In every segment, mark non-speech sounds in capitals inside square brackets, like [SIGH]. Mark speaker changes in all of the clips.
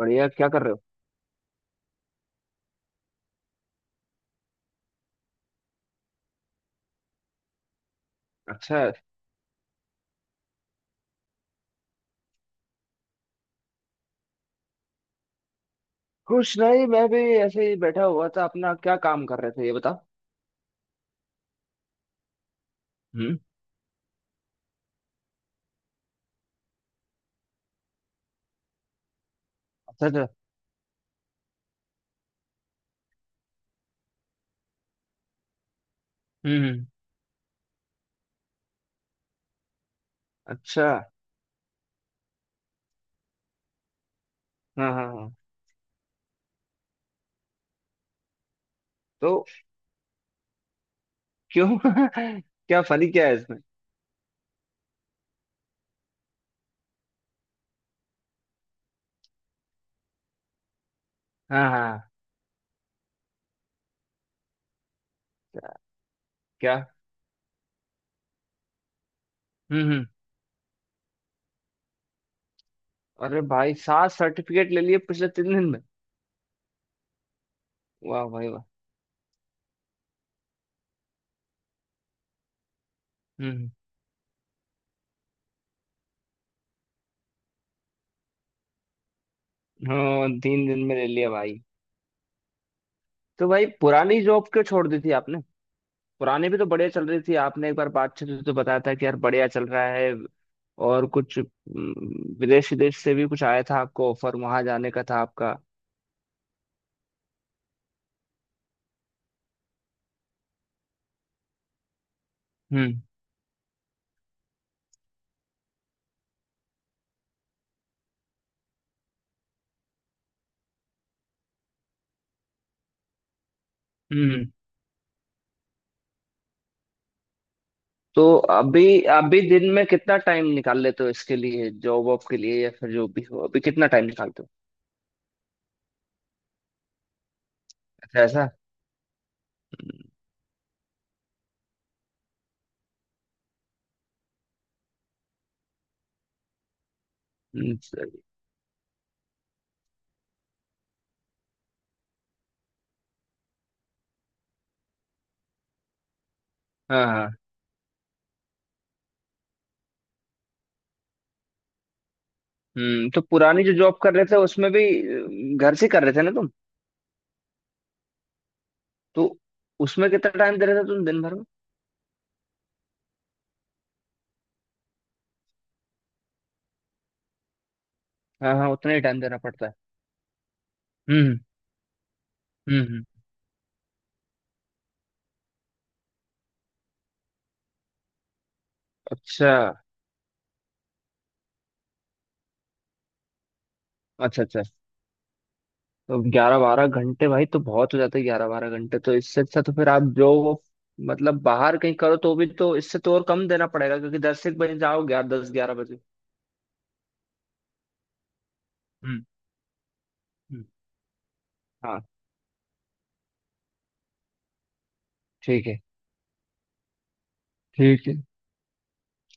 Speaker 1: बढ़िया। क्या कर रहे हो? अच्छा। कुछ नहीं, मैं भी ऐसे ही बैठा हुआ था। अपना क्या काम कर रहे थे ये बताओ। हम्म। अच्छा अच्छा। हम्म हम्म, अच्छा। हाँ हाँ हाँ। तो क्यों [LAUGHS] क्या फनी क्या है इसमें? हाँ हाँ। क्या? हम्म। अरे भाई, सात सर्टिफिकेट ले लिए पिछले 3 दिन में। वाह भाई वाह। हम्म। हाँ, 3 दिन में ले लिया भाई। तो भाई, पुरानी जॉब क्यों छोड़ दी थी आपने? पुराने भी तो बढ़िया चल रही थी, आपने एक बार बातचीत में तो बताया था कि यार बढ़िया चल रहा है। और कुछ विदेश विदेश से भी कुछ आया था आपको, ऑफर वहां जाने का था आपका। हम्म हम्म। तो अभी अभी दिन में कितना टाइम निकाल लेते हो इसके लिए, जॉब वॉब के लिए या फिर जो भी हो, अभी कितना टाइम निकालते हो? अच्छा ऐसा। सही। हाँ हाँ। तो पुरानी जो जॉब कर रहे थे उसमें भी घर से कर रहे थे ना तुम? तो उसमें कितना टाइम दे रहे थे तुम दिन भर में? हाँ हाँ, उतना ही टाइम देना पड़ता है। हम्म हम्म। अच्छा। अच्छा अच्छा। तो 11-12 घंटे भाई तो बहुत हो जाता है, 11-12 घंटे तो इससे अच्छा तो फिर आप जो मतलब बाहर कहीं करो तो भी तो इससे तो और कम देना पड़ेगा, क्योंकि दस एक बजे जाओ, ग्यारह दस ग्यारह बजे। हम्म हम्म। हाँ। ठीक है ठीक है।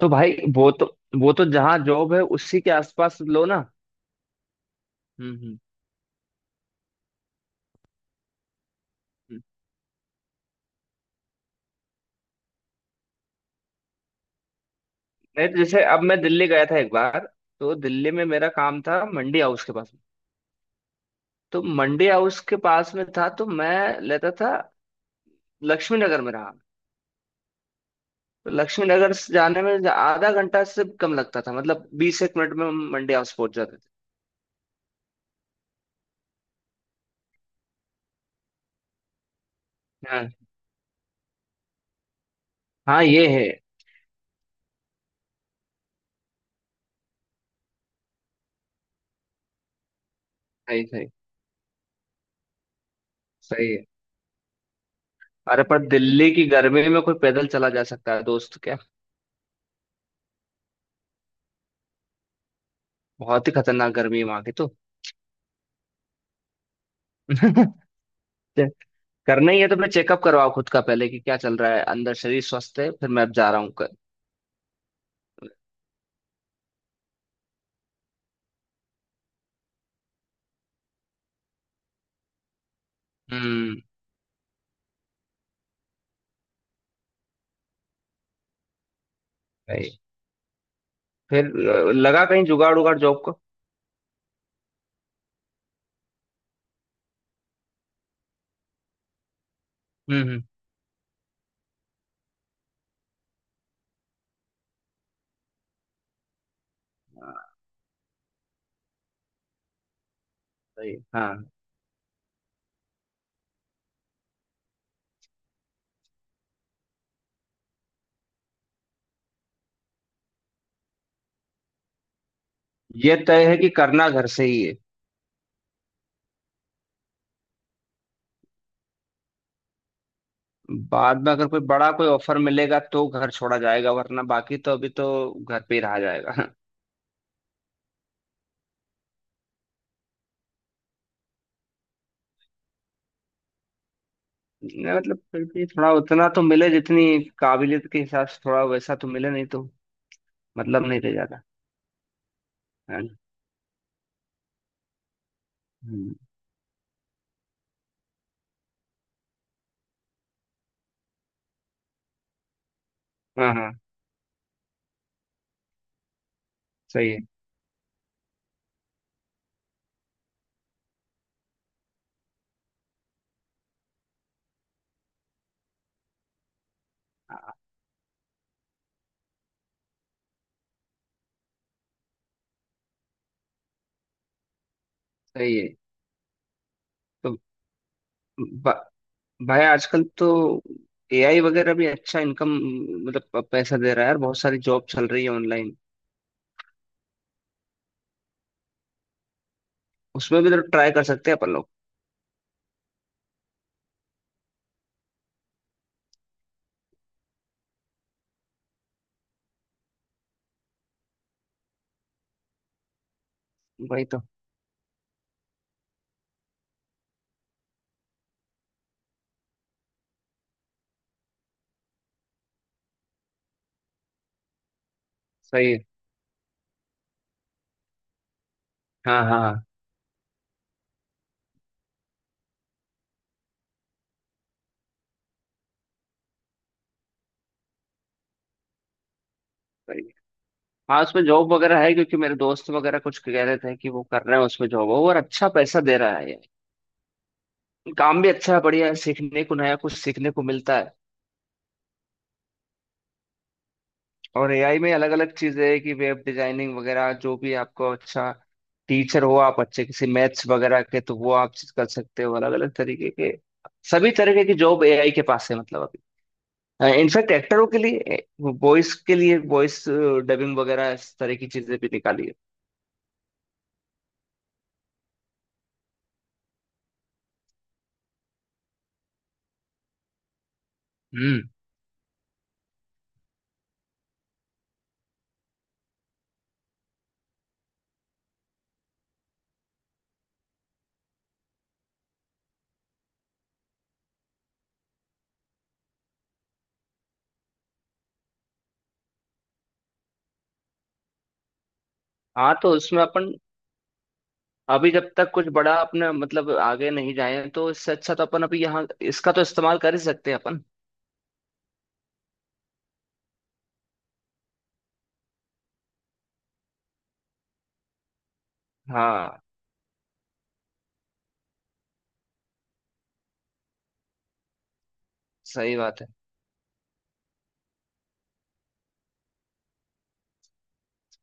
Speaker 1: तो भाई वो तो जहाँ जॉब है उसी के आसपास लो ना। हम्म हम्म हम्म। नहीं तो जैसे अब मैं दिल्ली गया था एक बार। तो दिल्ली में मेरा काम था मंडी हाउस के पास में। तो मंडी हाउस के पास में था तो मैं लेता था, लक्ष्मी नगर में रहा। लक्ष्मी नगर से जाने में आधा घंटा से कम लगता था, मतलब बीस एक मिनट में हम मंडी हाउस पहुंच जाते थे। हाँ हाँ, ये है। सही सही। सही है। अरे, पर दिल्ली की गर्मी में कोई पैदल चला जा सकता है दोस्त क्या? बहुत ही खतरनाक गर्मी है वहां की तो। [LAUGHS] करना ही है तो अपने चेकअप करवाओ खुद का पहले कि क्या चल रहा है अंदर, शरीर स्वस्थ है फिर मैं अब जा रहा हूँ कर। हम्म। सही। फिर लगा कहीं जुगाड़ उगाड़ जॉब को? हम्म। हाँ, सही। हाँ, ये तय है कि करना घर से ही है। बाद में अगर कोई बड़ा कोई ऑफर मिलेगा तो घर छोड़ा जाएगा, वरना बाकी तो अभी तो घर पे ही रहा जाएगा। [LAUGHS] नहीं, मतलब फिर भी थोड़ा उतना तो मिले, जितनी काबिलियत के हिसाब से थोड़ा वैसा तो मिले, नहीं तो मतलब नहीं रह जाता। है ना? हम्म, हाँ हाँ। सही है। हाँ, सही है। तो ब- भाई आजकल तो एआई वगैरह भी अच्छा इनकम, मतलब पैसा दे रहा है यार, बहुत सारी जॉब चल रही है ऑनलाइन। उसमें भी तो ट्राई कर सकते हैं अपन लोग। वही तो। सही है। हाँ हाँ हाँ, सही है। हाँ, उसमें जॉब वगैरह है क्योंकि मेरे दोस्त वगैरह कुछ कह रहे थे कि वो कर रहे हैं उसमें जॉब और अच्छा पैसा दे रहा है यार। काम भी अच्छा है, बढ़िया है, सीखने को नया कुछ सीखने को मिलता है। और एआई में अलग अलग चीजें है कि वेब डिजाइनिंग वगैरह जो भी आपको अच्छा टीचर हो आप, अच्छे किसी मैथ्स वगैरह के तो वो आप कर सकते हो, अलग अलग तरीके के। सभी तरीके की जॉब एआई के पास है मतलब। अभी इनफैक्ट एक्टरों के लिए, वॉइस के लिए, वॉइस डबिंग वगैरह इस तरह की चीजें भी निकाली है। हम्म। हाँ तो उसमें अपन अभी जब तक कुछ बड़ा अपने मतलब आगे नहीं जाए, तो इससे अच्छा तो अपन अभी यहाँ इसका तो इस्तेमाल कर ही सकते हैं अपन। हाँ। सही बात है।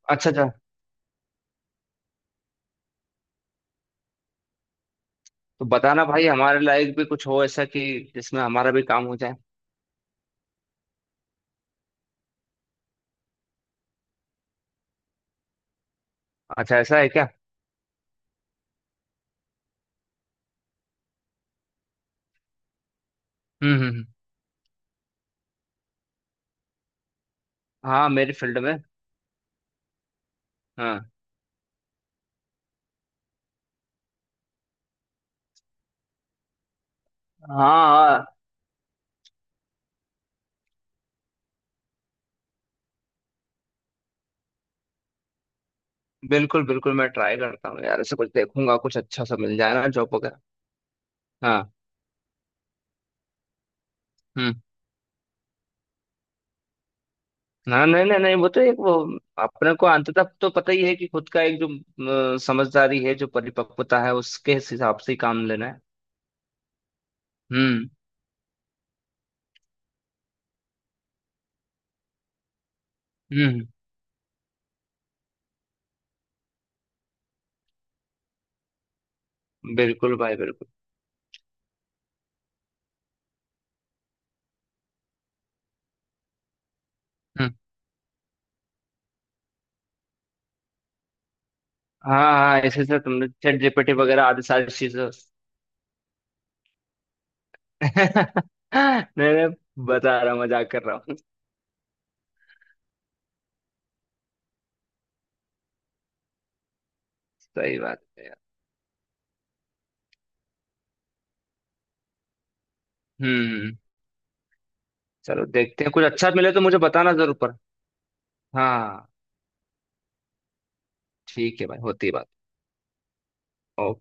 Speaker 1: अच्छा अच्छा। तो बताना भाई हमारे लायक भी कुछ हो ऐसा कि जिसमें हमारा भी काम हो जाए। अच्छा ऐसा है क्या? हम्म हम्म हम्म। हाँ, मेरी फील्ड में। हाँ। हाँ हाँ। बिल्कुल बिल्कुल, मैं ट्राई करता हूँ यार, ऐसे कुछ देखूंगा कुछ अच्छा सा मिल जाए ना जॉब वगैरह। हाँ। हम्म। हाँ, नहीं नहीं नहीं, वो तो एक वो अपने को अंततः तो पता ही है कि खुद का एक जो समझदारी है जो परिपक्वता है उसके हिसाब से ही काम लेना है। हम्म। हम्म। बिल्कुल भाई बिल्कुल। हम्म। हाँ हाँ, इसी से तुमने चैट जीपीटी वगैरह आदि सारी चीजों। [LAUGHS] नहीं नहीं बता रहा हूँ, मजाक कर रहा हूँ। सही बात है यार। हम्म। चलो देखते हैं कुछ अच्छा मिले तो मुझे बताना जरूर पर। हाँ। ठीक है भाई, होती है बात।